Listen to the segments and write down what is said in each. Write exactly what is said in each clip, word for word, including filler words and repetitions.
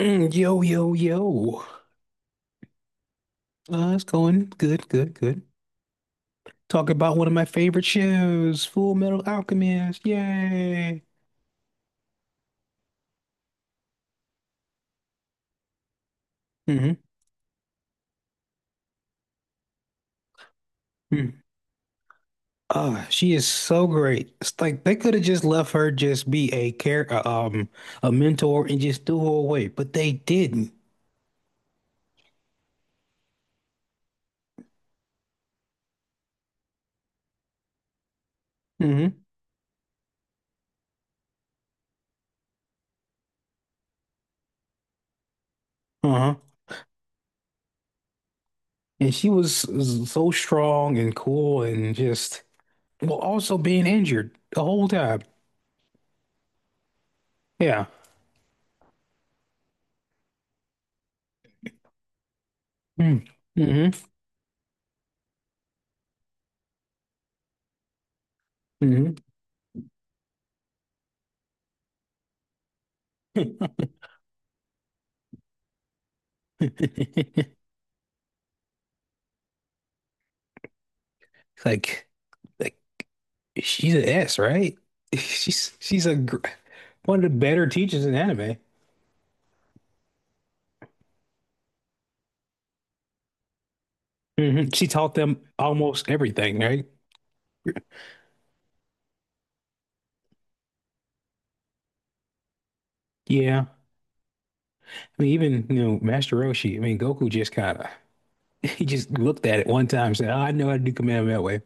Mm, Yo, yo, yo. Uh, it's going good, good, good. Talk about one of my favorite shows, Full Metal Alchemist. Yay. hmm Mm. Uh, she is so great. It's like they could have just left her just be a care, uh, um, a mentor and just threw her away, but they didn't. hmm Uh-huh. And she was s- so strong and cool and just, well, also being injured the whole time. Yeah. Mm. hmm hmm Like, like she's an S, right? She's she's a gr one of the better teachers in anime. Hmm She taught them almost everything, right? Yeah. I mean, even you know, Master Roshi. I mean, Goku just kind of he just looked at it one time and said, "Oh, I know how to do Kamehameha Wave."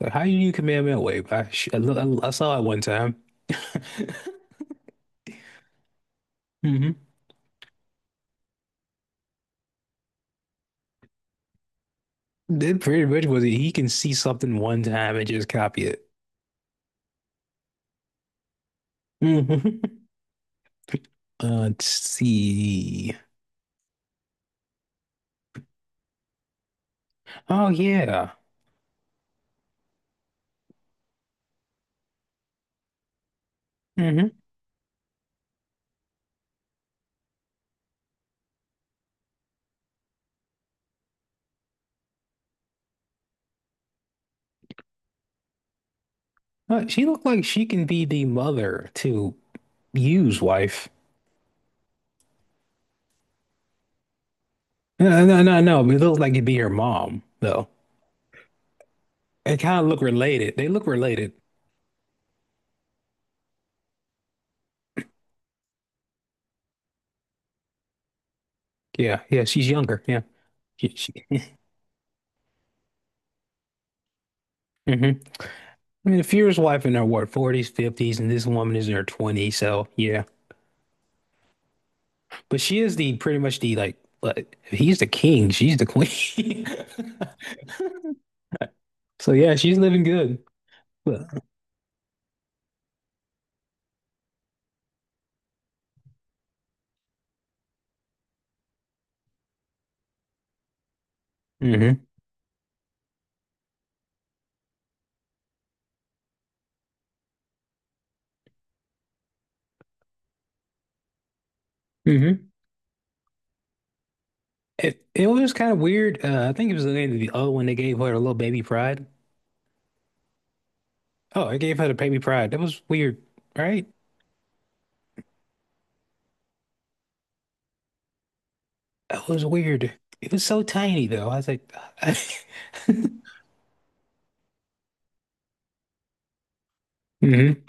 Like, how do you do Kamehameha Wave? I, sh- I, lo- I saw it one time. hmm That pretty much was it. He can see something one time and just copy it. hmm Uh, let's see. Oh yeah. hmm Uh, she looked like she can be the mother to Yu's wife. No, no, no, no, no, but it looked like it'd be her mom, though. They kind of look related. They look related. Yeah, yeah. She's younger. Yeah. She, she, hmm I mean, the Fuhrer's wife in her what, forties, fifties, and this woman is in her twenties. So yeah, but she is the pretty much the like. Like, if he's the king, she's the queen. So yeah, she's living good. hmm hmm It it was kind of weird. Uh, I think it was the end of the O when they gave her a little baby pride. Oh, it gave her the baby pride. That was weird, right? That was weird. It was so tiny though. I was like, hmm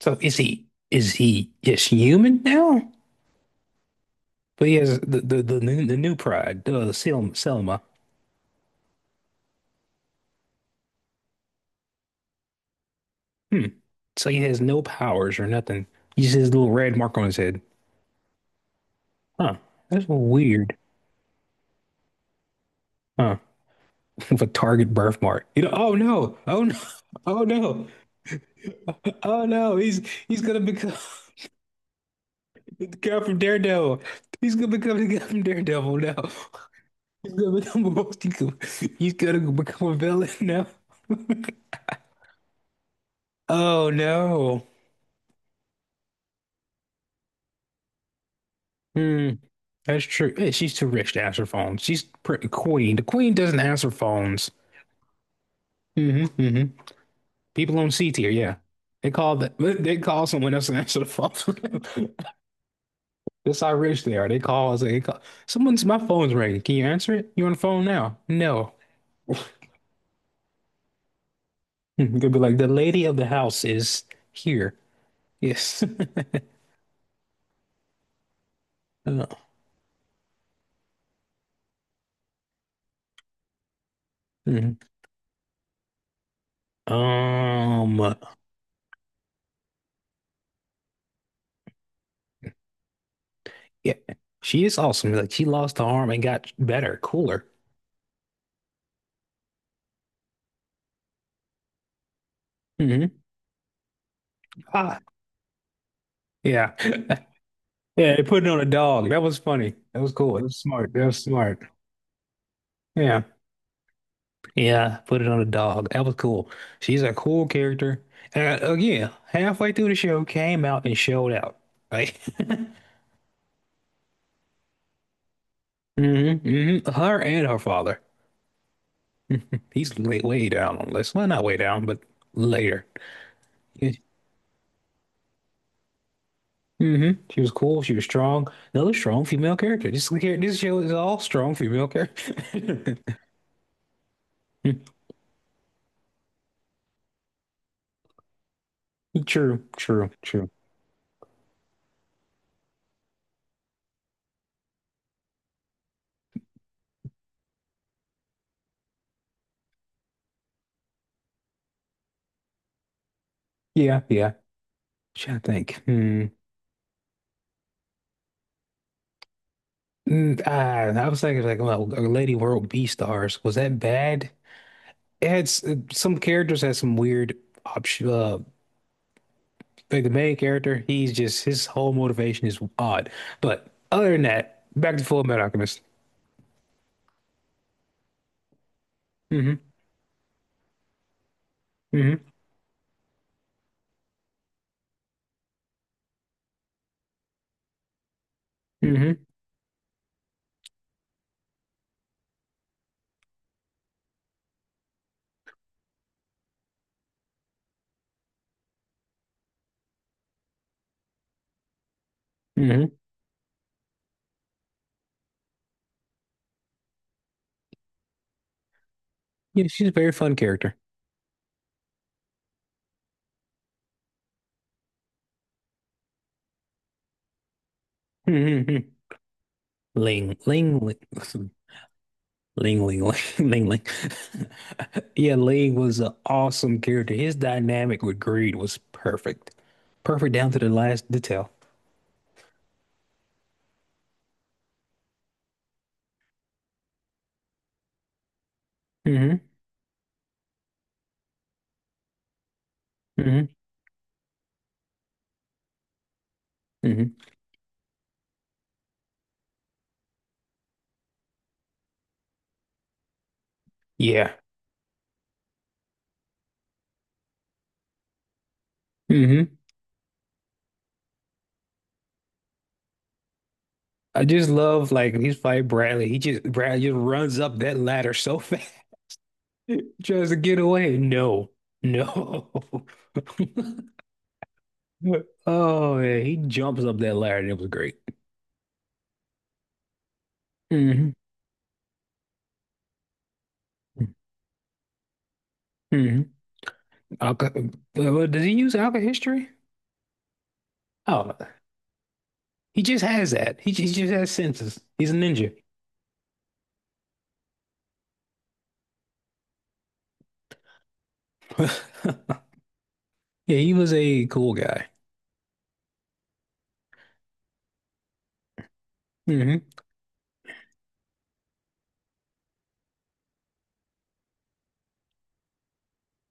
So is he is he just human now? But he has the the the new, the new pride, the Sel Selma. Hmm. So he has no powers or nothing. He just has a little red mark on his head. Huh. That's weird. Huh. With a target birthmark. You know, oh no. Oh no. Oh no. Oh no, he's he's gonna become the guy from Daredevil. He's gonna become the guy from Daredevil now. He's gonna become a multi- he's gonna become a villain now. Oh no. Hmm, that's true. Eh, she's too rich to answer phones. She's pretty queen. The queen doesn't answer phones. hmm hmm People on C tier, yeah. They call the, they call someone else and answer the phone. That's how rich they are. They call us. They call someone's my phone's ringing. Can you answer it? You on the phone now? No. You could be like, the lady of the house is here. Yes. Uh, mhm. Um, yeah, she is awesome. Like she lost the arm and got better, cooler. hmm Ah, yeah. Yeah, they put it on a dog. That was funny. That was cool. That was smart. That was smart. Yeah. Yeah, put it on a dog. That was cool. She's a cool character. And uh, again, halfway through the show, came out and showed out. Right? hmm hmm Her and her father. He's way, way down on the list. Well, not way down, but later. hmm She was cool. She was strong. Another strong female character. This this show is all strong female character. True, true, true. Yeah, yeah. Trying to think. Hmm. Mm, ah, I was thinking like, well, Lady World B stars was that bad? It had s- some characters had some weird option. Uh, like the main character, he's just his whole motivation is odd. But other than that, back to Full Metal Alchemist. hmm hmm hmm hmm Yeah, she's a very fun character. Mm-hmm. Mm-hmm. Ling, Ling, Ling, Ling, Ling, Ling, Ling. Yeah, Ling was an awesome character. His dynamic with Greed was perfect, perfect down to the last detail. hmm hmm hmm Yeah. hmm I just love like he's fighting Bradley. He just Bradley just runs up that ladder so fast, tries to get away. No, no. Oh man, he jumps up that ladder. It was great. hmm hmm Alka, well, did he use Alka history? Oh, he just has that. He, he just has senses. He's a ninja. Yeah, he was a cool guy. hmm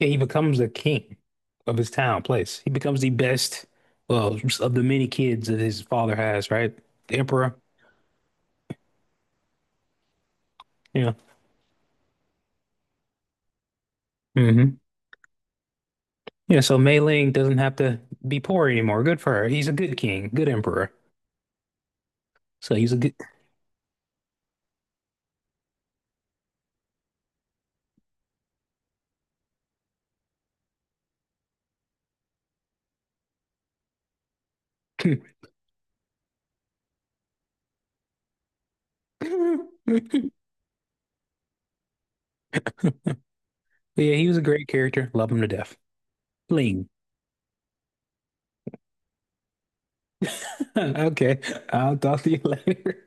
Yeah, he becomes the king of his town, place. He becomes the best, well, of the many kids that his father has, right? The emperor. Yeah. hmm Yeah, so Mei Ling doesn't have to be poor anymore. Good for her. He's a good king, good emperor. So he's a good. But yeah, he was a great character. Love him to death. Ling. Okay, I'll talk to you later.